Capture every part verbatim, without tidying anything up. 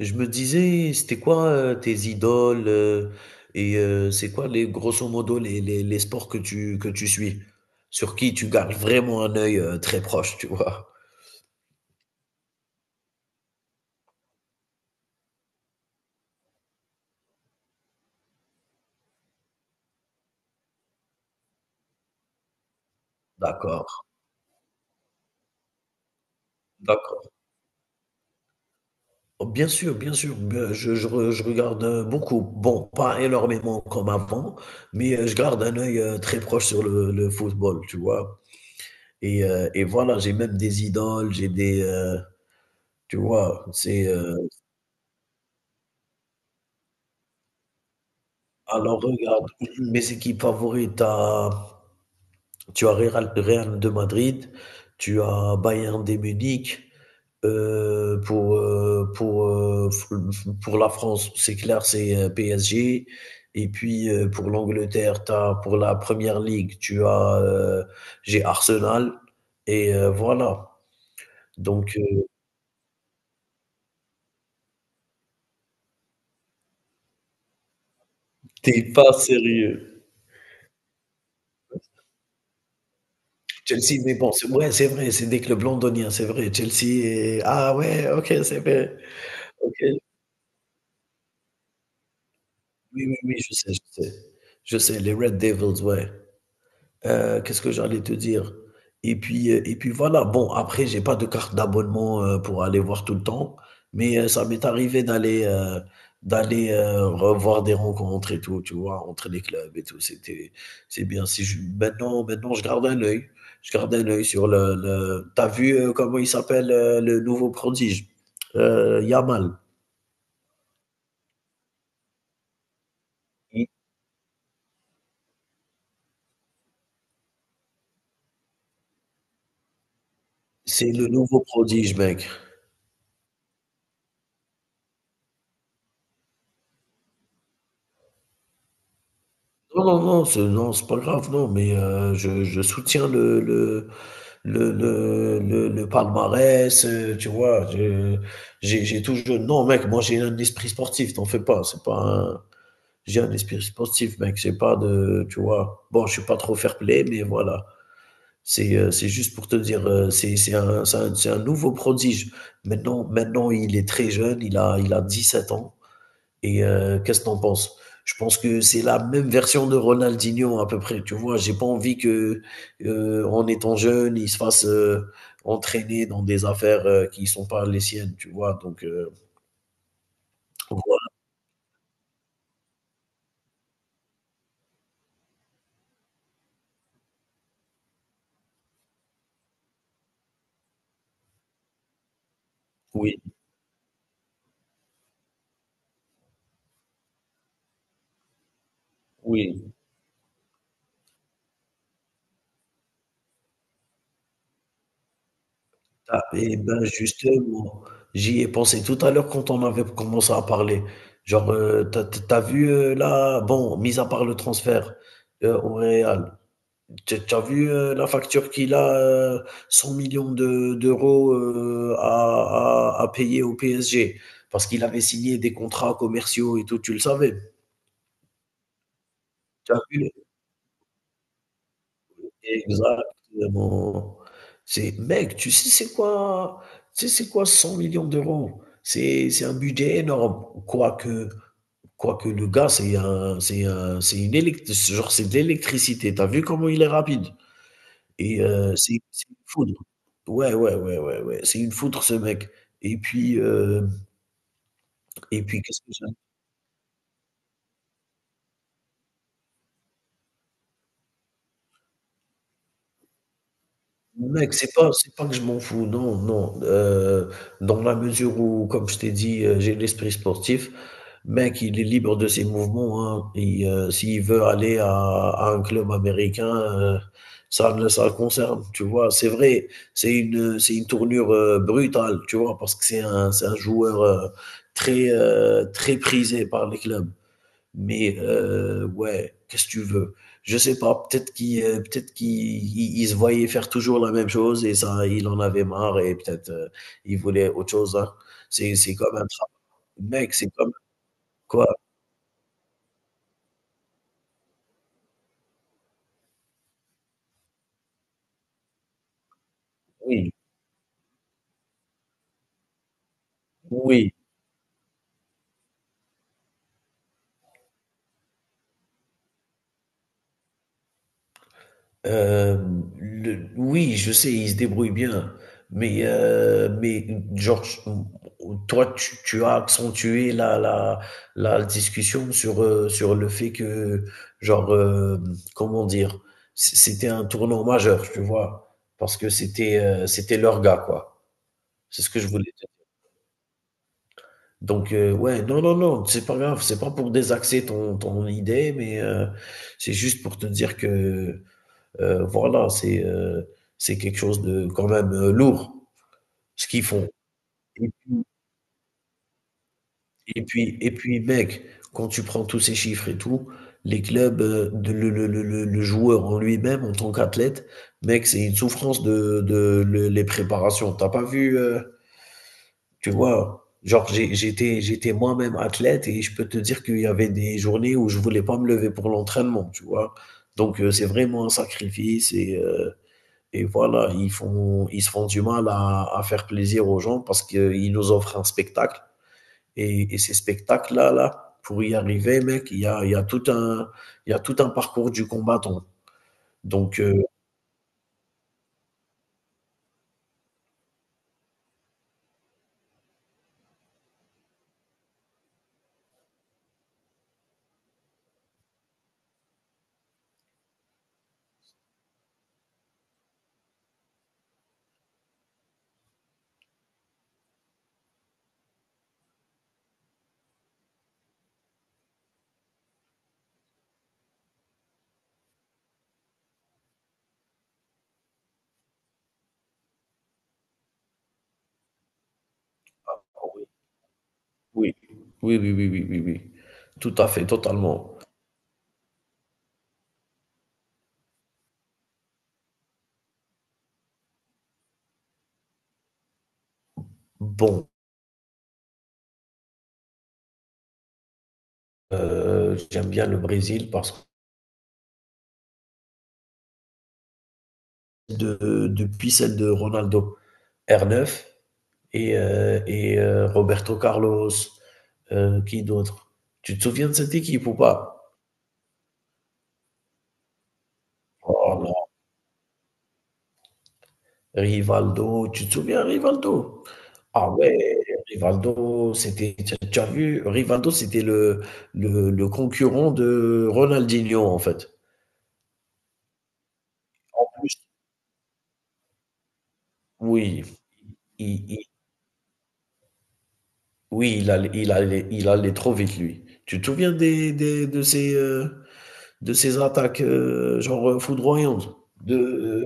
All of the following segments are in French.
Je me disais, c'était quoi, heu, tes idoles, heu et heu, c'est quoi les grosso modo les les les sports que tu que tu suis? Sur qui tu gardes vraiment un œil, heu, très proche, tu vois? D'accord, d'accord. Oh, bien sûr, bien sûr, beh, je je re je regarde, heu, beaucoup. Bon, pas énormément comme avant, mais heu, je garde un œil, heu, très proche sur le le football, tu vois? Et heu et voilà, j'ai même des idoles, j'ai des, heu, tu vois? C'est, heu alors regarde, mes équipes favorites à. Tu as Real, Real de Madrid, tu as Bayern de Munich. Euh, pour, euh, pour, euh, pour la France, c'est clair, c'est P S G. Et puis euh, pour l'Angleterre, t'as, pour la Première Ligue, tu as euh, j'ai Arsenal. Et euh, voilà. Donc, euh, t'es pas sérieux. Chelsea, mais bon, c'est, ouais, c'est vrai, c'est des clubs londoniens, c'est vrai. Chelsea, est- ah ouais, ok, c'est vrai. Ok, oui, oui, oui, je sais, je sais. Je sais, les Red Devils, ouais. Heu, qu'est-ce que j'allais te dire? Et puis, heu et puis voilà, bon après j'ai pas de carte d'abonnement, heu, pour aller voir tout le temps, mais, heu, ça m'est arrivé d'aller, heu, d'aller, heu, revoir des rencontres et tout, tu vois? Entre les clubs et tout, c'était c'est bien. Si je maintenant maintenant je garde un œil, je garde un œil sur le le tu vu, heu, comment il s'appelle, heu, le nouveau prodige? Heu, Yamal. I C'est le nouveau prodige, mec. Non, non, non, c'est non, c'est pas grave, non, mais, heu, je je soutiens le le le, le, le, le palmarès, euh, tu vois. je- J'ai j'ai toujours. Non, mec, moi j'ai un esprit sportif, t'en fais pas. C'est pas un. J'ai un esprit sportif, mec. J'ai pas de. Tu vois. Bon, je suis pas trop fair play, mais voilà. C'est euh, c'est juste pour te dire, euh, c'est c'est un, c'est un, c'est un nouveau prodige. Maintenant, maintenant, il est très jeune, il a, il a dix sept ans. Et euh, qu'est-ce que t'en penses? Je pense que c'est la même version de Ronaldinho à peu près. Tu vois, j'ai pas envie que, euh, en étant jeune, il se fasse euh, entraîner dans des affaires euh, qui sont pas les siennes. Tu vois, donc euh, voilà. Oui, oui. Ah, et ben justement, j'y ai pensé tout à l'heure quand on avait commencé à parler. Genre, euh, t'as, t'as vu euh, là, bon, mis à part le transfert euh, au Real. T'as t'as vu euh, la facture qu'il a, euh, cent millions de- d'euros euh, à, à- à payer au P S G, parce qu'il avait signé des contrats commerciaux et tout, tu le savais. T'as vu le- Exactement. C'est, mec, tu sais c'est quoi, tu sais c'est quoi cent millions d'euros? C'est, c'est un budget énorme. Quoique, quoique le gars, c'est un, c'est un- c'est une élect- genre c'est de l'électricité. T'as vu comment il est rapide? Et heu, c'est c'est une foudre. Ouais, ouais, ouais, ouais, ouais, c'est une foudre ce mec. Et puis, heu et puis qu'est-ce que j'aime? Mec, c'est pas c'est pas que je m'en fous, non, non, heu, dans la mesure où, comme je t'ai dit, heu, j'ai l'esprit sportif. Mec, il est libre de ses mouvements, hein. Il, heu, s'il veut aller à à un club américain, heu, ça ne ça le concerne, tu vois? C'est vrai, c'est une, heu, c'est une tournure, heu, brutale, tu vois? Parce que c'est un c'est un joueur, heu, très, heu, très prisé par les clubs. Mais euh, ouais, qu'est-ce que tu veux? Je sais pas, peut-être qu'il euh, peut-être qu'il il- il se voyait faire toujours la même chose et ça, il en avait marre et peut-être euh, il voulait autre chose. Hein. C'est c'est comme un travail. Mec, c'est comme quoi? Oui, oui. Hem, le oui, je sais, il se débrouille bien, mais heu, mais genre, toi, tu tu as accentué la la la discussion sur, heu, sur le fait que genre, hem, comment dire? C c'était un tournant majeur, tu vois? Parce que c'était, heu, c'était leur gars, quoi. C'est ce que je voulais dire. Donc heu, ouais, non, non, non, c'est pas grave, c'est pas pour désaxer ton ton idée, mais heu, c'est juste pour te dire que euh, voilà, c'est euh, c'est quelque chose de quand même euh, lourd, ce qu'ils font. Et puis, et puis, et puis, mec, quand tu prends tous ces chiffres et tout, les clubs, euh, de- le, le- le- le- le joueur en lui-même, en tant qu'athlète, mec, c'est une souffrance de, de- le- les préparations. T'as pas vu, euh, tu vois, genre j'ai- j'étais, j'étais moi-même athlète et je peux te dire qu'il y avait des journées où je voulais pas me lever pour l'entraînement, tu vois. Donc euh, c'est vraiment un sacrifice et. euh, Et voilà, ils font, ils se font du mal à, à faire plaisir aux gens parce qu'ils nous offrent un spectacle. Et, et ces spectacles-là, là, pour y arriver, mec, il y a, il y a tout un, il y a tout un parcours du combattant. Donc, euh, oui, oui, oui, oui, oui, oui, oui. Tout à fait, totalement. Bon, euh, j'aime bien le Brésil parce que de- depuis celle de Ronaldo, R neuf et, euh, et, euh, Roberto Carlos, euh, qui d'autre? Tu te souviens de cette équipe ou pas? Oh là, Rivaldo, tu te souviens Rivaldo? Ah ouais, Rivaldo, c'était, tu tu as vu, Rivaldo, c'était le, le, le concurrent de Ronaldinho, en fait. Oui, il, il- oui, il allait, il allait- il allait trop vite, lui. Tu te souviens des, des- de ces, euh, de ces attaques, euh, genre euh, foudroyantes? De, euh,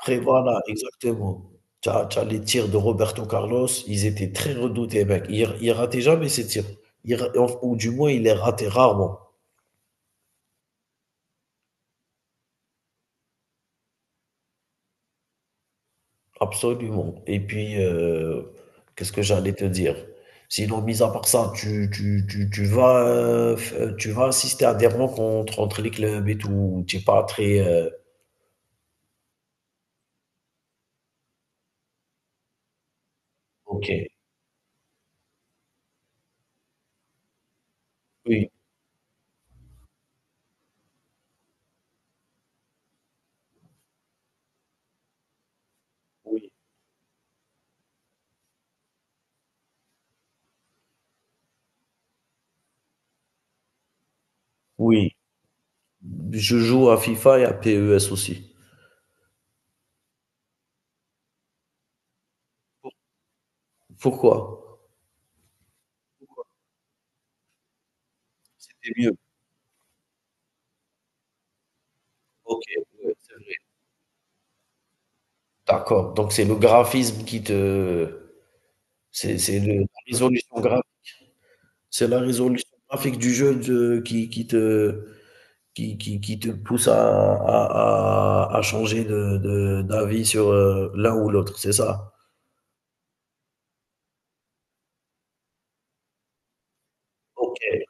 après voilà, exactement. t'as t'as les tirs de Roberto Carlos, ils étaient très redoutés mec. Il il ratait jamais ses tirs. Il ra Ou du moins il les ratait rarement. Absolument et puis, heu, qu'est-ce que j'allais te dire? Sinon mis à part ça, tu tu tu tu vas, heu, f euh, tu vas assister à des rencontres entre les clubs et tout, tu es pas très, heu OK. Oui, oui, oui. Je joue à FIFA et à P E S aussi. Pourquoi? C'était mieux. OK, ouais, c'est vrai. D'accord, donc c'est le graphisme qui te c'est c'est le la résolution gra c'est la résolution graphique du jeu de qui qui te qui qui qui te pousse à à à à changer de de d'avis sur, heu, l'un ou l'autre, c'est ça? OK,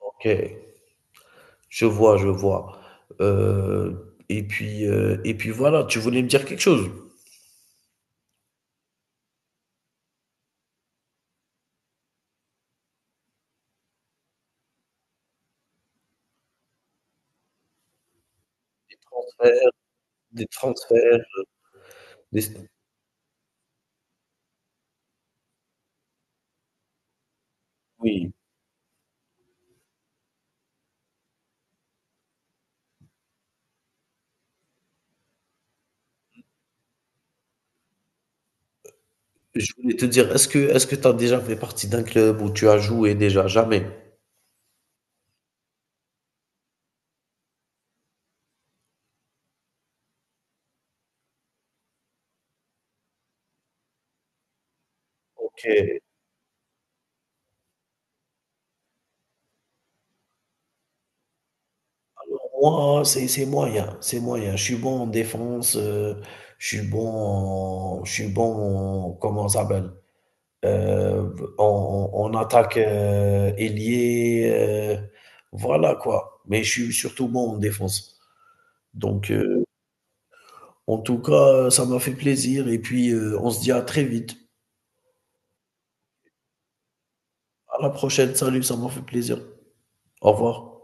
OK, je vois, je vois. Heu et puis, heu et puis voilà, tu voulais me dire quelque chose? Des transferts des transferts, des oui, je voulais te dire, est-ce que est-ce que tu as déjà fait partie d'un club où tu as joué déjà? Jamais? OK. Alors moi, c'est c'est moyen, c'est moyen. Je suis bon en défense, heu, je suis bon en je suis bon en comment ça s'appelle? Heu, en en en attaque, heu, ailier, heu, voilà quoi. Mais je suis surtout bon en défense. Donc heu, en tout cas, heu, ça m'a fait plaisir et puis, heu, on se dit à très vite. À la prochaine. Salut, ça m'a fait plaisir. Au revoir.